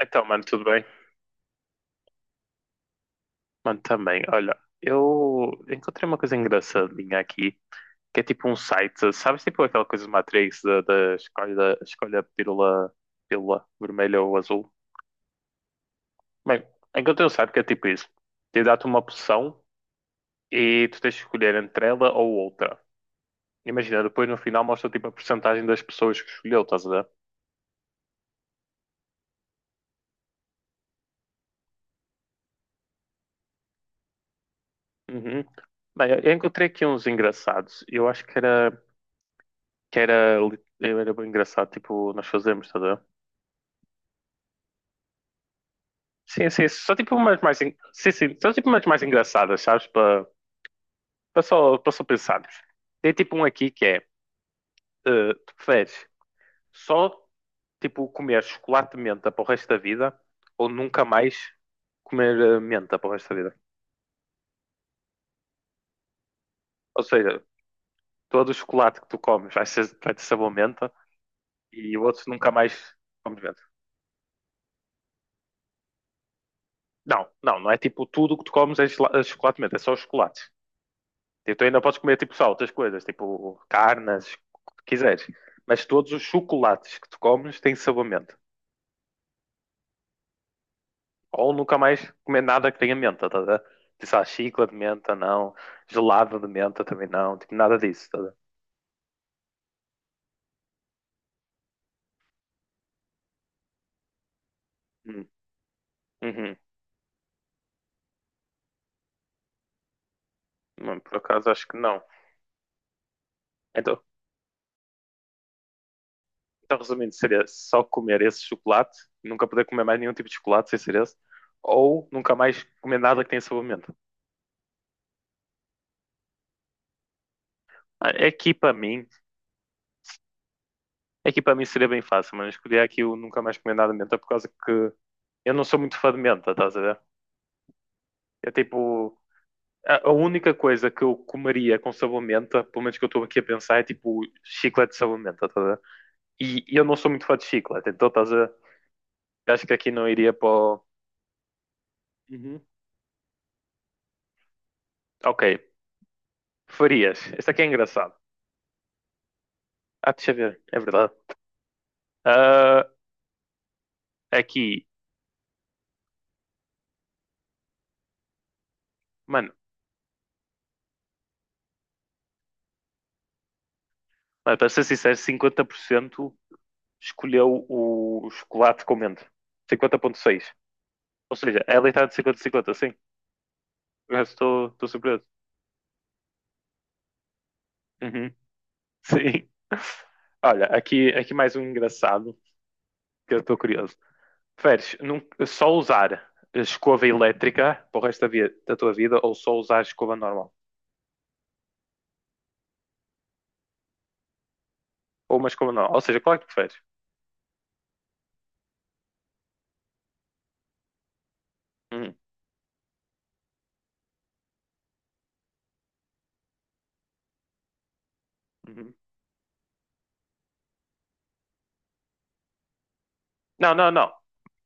Então, mano, tudo bem? Mano, também. Olha, eu encontrei uma coisa engraçadinha aqui, que é tipo um site, sabes, tipo aquela coisa do Matrix, da escolha, da escolha a pílula, pílula vermelha ou azul. Bem, encontrei um site que é tipo isso. Te dá-te uma opção e tu tens de escolher entre ela ou outra. Imagina, depois no final mostra tipo a porcentagem das pessoas que escolheu, estás a ver? Uhum. Bem, eu encontrei aqui uns engraçados. Eu acho que era, li- Eu era bem engraçado, tipo, nós fazemos, estás a ver? Sim, sim, só tipo sim, sim, só tipo umas mais engraçadas, sabes? Para só pensarmos. Tem tipo um aqui que é, tu preferes só tipo comer chocolate de menta para o resto da vida ou nunca mais comer menta para o resto da vida? Ou seja, todo o chocolate que tu comes vai ter sabor menta, e o outro nunca mais comes menta. Não, não, não é tipo tudo que tu comes é é chocolate de menta, é só os chocolates. Tipo, tu ainda podes comer tipo só outras coisas, tipo carnes, o que quiseres. Mas todos os chocolates que tu comes têm sabor menta. Ou nunca mais comer nada que tenha menta, tá a ver? Tipo, sei lá, chicla de menta, não. Gelado de menta também não. Tipo, nada disso, tá a ver? Hum, uhum. Não, por acaso acho que não. Então, então, resumindo, seria só comer esse chocolate, nunca poder comer mais nenhum tipo de chocolate sem ser esse, ou nunca mais comer nada que tenha sabor a menta. Ah, É que para mim, É que para mim seria bem fácil, mas escolhi aqui o Nunca Mais Comer Nada de Menta por causa que eu não sou muito fã de menta, estás a ver? É tipo, a única coisa que eu comeria com sabor menta, pelo menos que eu estou aqui a pensar, é tipo chiclete de sabor menta, estás a ver? E eu não sou muito fã de chiclete, então estás a ver? Acho que aqui não iria para o... Uhum. Ok, farias. Este aqui é engraçado. Ah, deixa eu ver, é verdade. Ah, aqui, mano, mano, para ser sincero, 50% escolheu o chocolate com menta. 50,6. Ou seja, ela está de 50 a 50, sim. Estou surpreso. Uhum. Sim. Olha, aqui mais um engraçado que eu estou curioso. Preferes só usar escova elétrica para o resto da tua vida ou só usar escova normal? Ou uma escova normal? Ou seja, qual é que preferes? Uhum. Uhum. Não, não, não.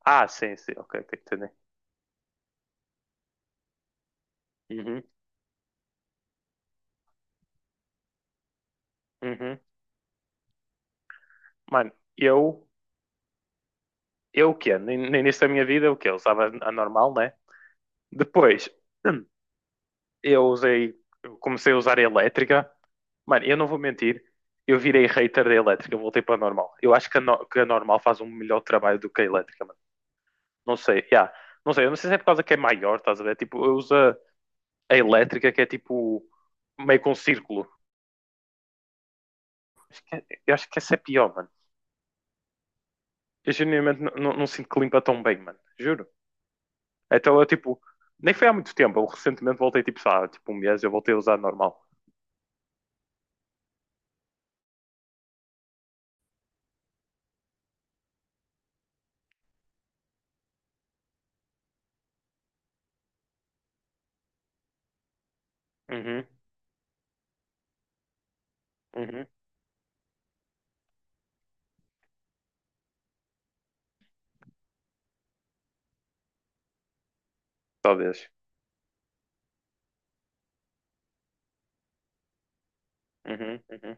Ah, sim, sim. Ok, ok, entendi. Uhum. Uhum. Mano, eu, eu o quê? No início da minha vida, o quê? Eu usava a normal, né? Depois, eu comecei a usar a elétrica. Mano, eu não vou mentir, eu virei hater da elétrica, voltei para a normal. Eu acho que a, no- que a normal faz um melhor trabalho do que a elétrica, mano. Não sei, yeah. Não sei, eu não sei se é por causa que é maior, estás a ver? Tipo, eu uso a elétrica que é tipo meio com círculo. Eu acho que essa é pior, mano. Eu genuinamente não sinto que limpa tão bem, mano. Juro. Então eu tipo, nem foi há muito tempo, eu recentemente voltei tipo, sei lá, tipo um mês, eu voltei a usar a normal. Uhum, uhum, talvez. Uhum, uhum,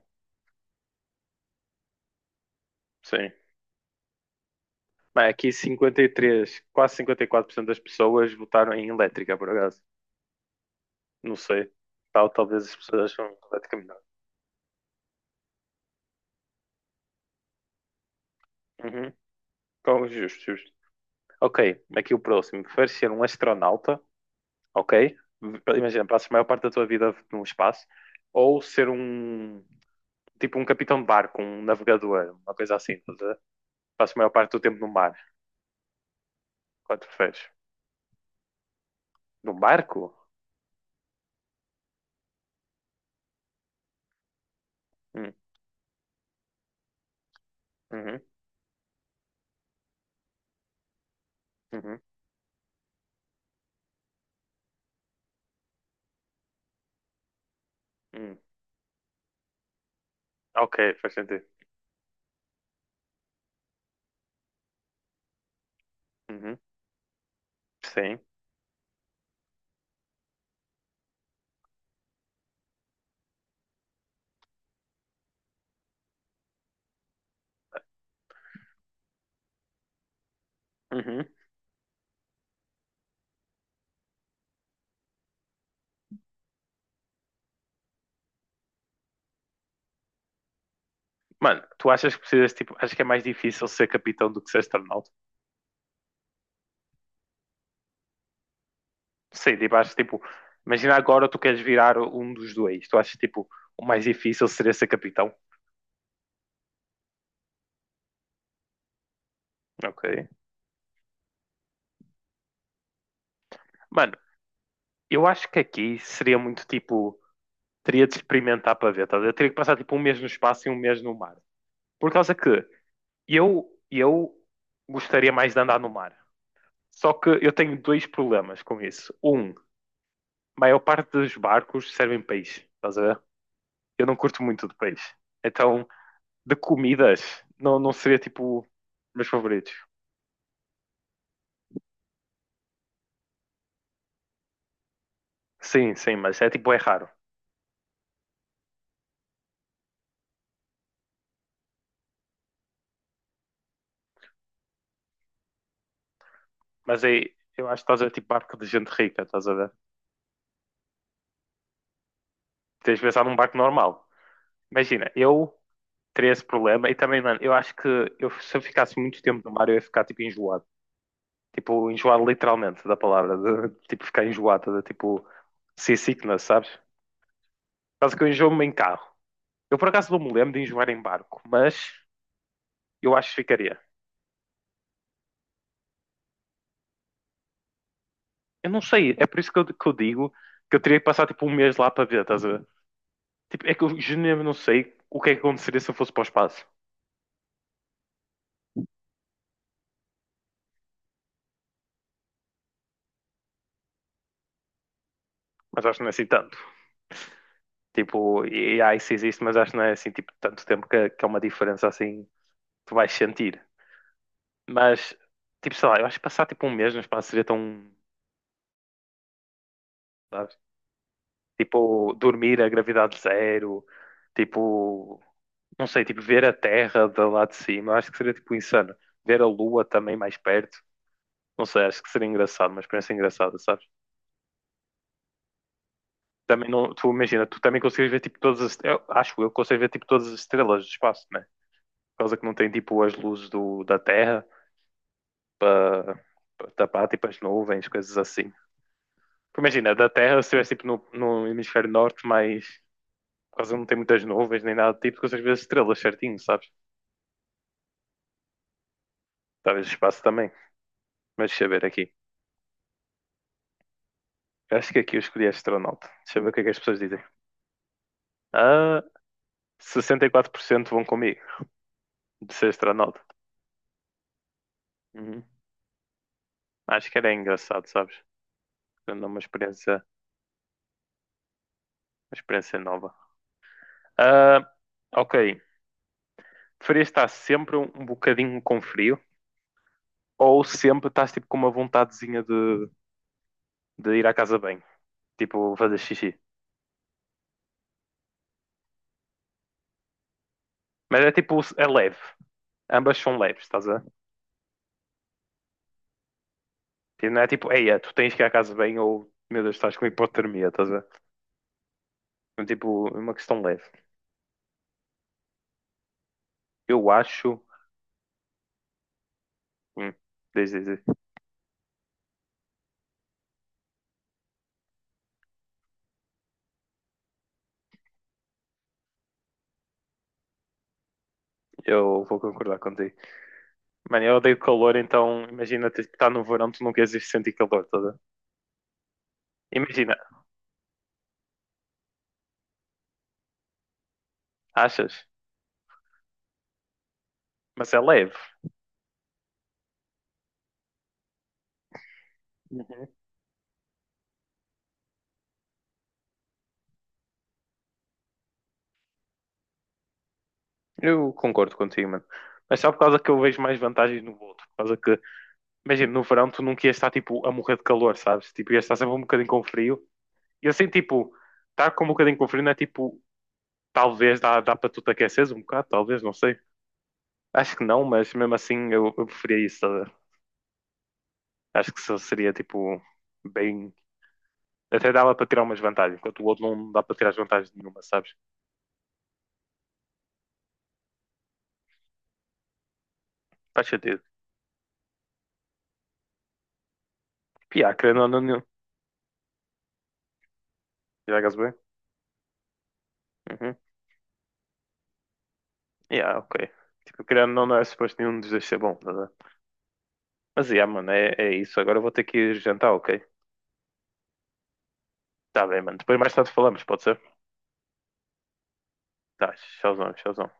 sim. Bem, aqui 53, quase 54% das pessoas votaram em elétrica, por acaso. Não sei. Talvez as pessoas acham elétrica é melhor. Uhum. Justo, justo. Ok, aqui o próximo. Preferes ser um astronauta, ok? Imagina, passas a maior parte da tua vida no espaço. Ou ser um, tipo um capitão de barco, um navegador, uma coisa assim. Estás a ver? Passas a maior parte do tempo no mar. Qual tu preferes? Num barco? Hum, uhum, uhum, hum. Ok, faz sentido. Uhum, sim. Uhum. Mano, tu achas que precisas, tipo, acho que é mais difícil ser capitão do que ser astronauta? Sim, tipo, acho tipo, imagina agora tu queres virar um dos dois. Tu achas, tipo, o mais difícil seria ser capitão? Ok. Mano, eu acho que aqui seria muito, tipo, teria de experimentar para ver, tá a ver? Eu teria que passar, tipo, um mês no espaço e um mês no mar. Por causa que eu gostaria mais de andar no mar. Só que eu tenho dois problemas com isso. Um, a maior parte dos barcos servem peixe, estás a ver? Eu não curto muito de peixe. Então, de comidas, não seria tipo meus favoritos. Sim, sim, mas é tipo, é raro. Mas é, eu acho que estás a ver tipo barco de gente rica, estás a ver? Tens de pensar num barco normal. Imagina, eu teria esse problema e também, mano, eu acho que eu, se eu ficasse muito tempo no mar, eu ia ficar tipo enjoado. Tipo, enjoado literalmente da palavra, de, tipo ficar enjoado, de, tipo seasickness, sabes? Quase que eu enjoo-me em carro. Eu por acaso não me lembro de enjoar em barco, mas eu acho que ficaria. Eu não sei, é por isso que eu digo que eu teria que passar tipo um mês lá para ver, estás a ver? Tipo, é que eu genuinamente não sei o que é que aconteceria se eu fosse para o espaço. Mas acho que não é assim tanto. Tipo, e há isso existe, mas acho que não é assim tipo tanto tempo que é uma diferença assim que tu vais sentir. Mas, tipo, sei lá, eu acho que passar tipo um mês no espaço seria tão, sabes? Tipo, dormir a gravidade zero, tipo, não sei, tipo, ver a Terra de lá de cima, acho que seria tipo insano. Ver a Lua também mais perto. Não sei, acho que seria engraçado, uma experiência engraçada, sabes? Também não, tu imagina, tu também consegues ver tipo eu acho eu que consigo ver tipo todas as estrelas do espaço, né? Por causa que não tem tipo as luzes da Terra para tapar tipo as nuvens, coisas assim. Porque imagina, da Terra, se estivesse tipo no hemisfério norte, mas por causa que não tem muitas nuvens nem nada do tipo, tu consegues ver as estrelas certinho, sabes? Talvez o espaço também. Mas deixa eu ver aqui. Eu acho que aqui eu escolhi astronauta. Deixa eu ver o que é que as pessoas dizem. Ah, 64% vão comigo de ser astronauta. Uhum. Acho que era engraçado, sabes? Dando uma experiência nova. Ah, ok. Preferias estar sempre um bocadinho com frio ou sempre estás tipo com uma vontadezinha de ir à casa bem? Tipo, fazer xixi. Mas é tipo, é leve. Ambas são leves, estás a ver? Tipo, não é tipo, eia, tu tens que ir à casa bem ou, meu Deus, estás com hipotermia, estás a ver? É tipo, é uma questão leve. Eu acho. Hum, diz, diz, diz. Eu vou concordar contigo. Mano, eu odeio calor, então imagina tipo, estar no verão, tu não queres ir sentir calor, estás a ver? Imagina, achas? Mas é leve. Uhum. Eu concordo contigo, mano. Mas só por causa que eu vejo mais vantagens no outro. Por causa que, imagina, no verão tu nunca ias estar tipo a morrer de calor, sabes? Tipo, ias estar sempre um bocadinho com frio. E assim, tipo, estar com um bocadinho com frio não é tipo, talvez dá, dá para tu te aqueceres um bocado, talvez, não sei. Acho que não, mas mesmo assim eu preferia isso. Estás a ver? Acho que isso seria tipo bem. Até dava para tirar umas vantagens, enquanto o outro não dá para tirar as vantagens nenhuma, sabes? Faz sentido. Piá, querendo ou não, não. Já bem? Uhum. Yeah, ok. Tipo, querendo ou não, não é suposto nenhum dos dois ser bom, tá a ver? Mas yeah, mano, é isso. Agora eu vou ter que ir jantar, ok? Tá bem, mano. Depois mais tarde falamos, pode ser? Tá, tchauzão, tchauzão.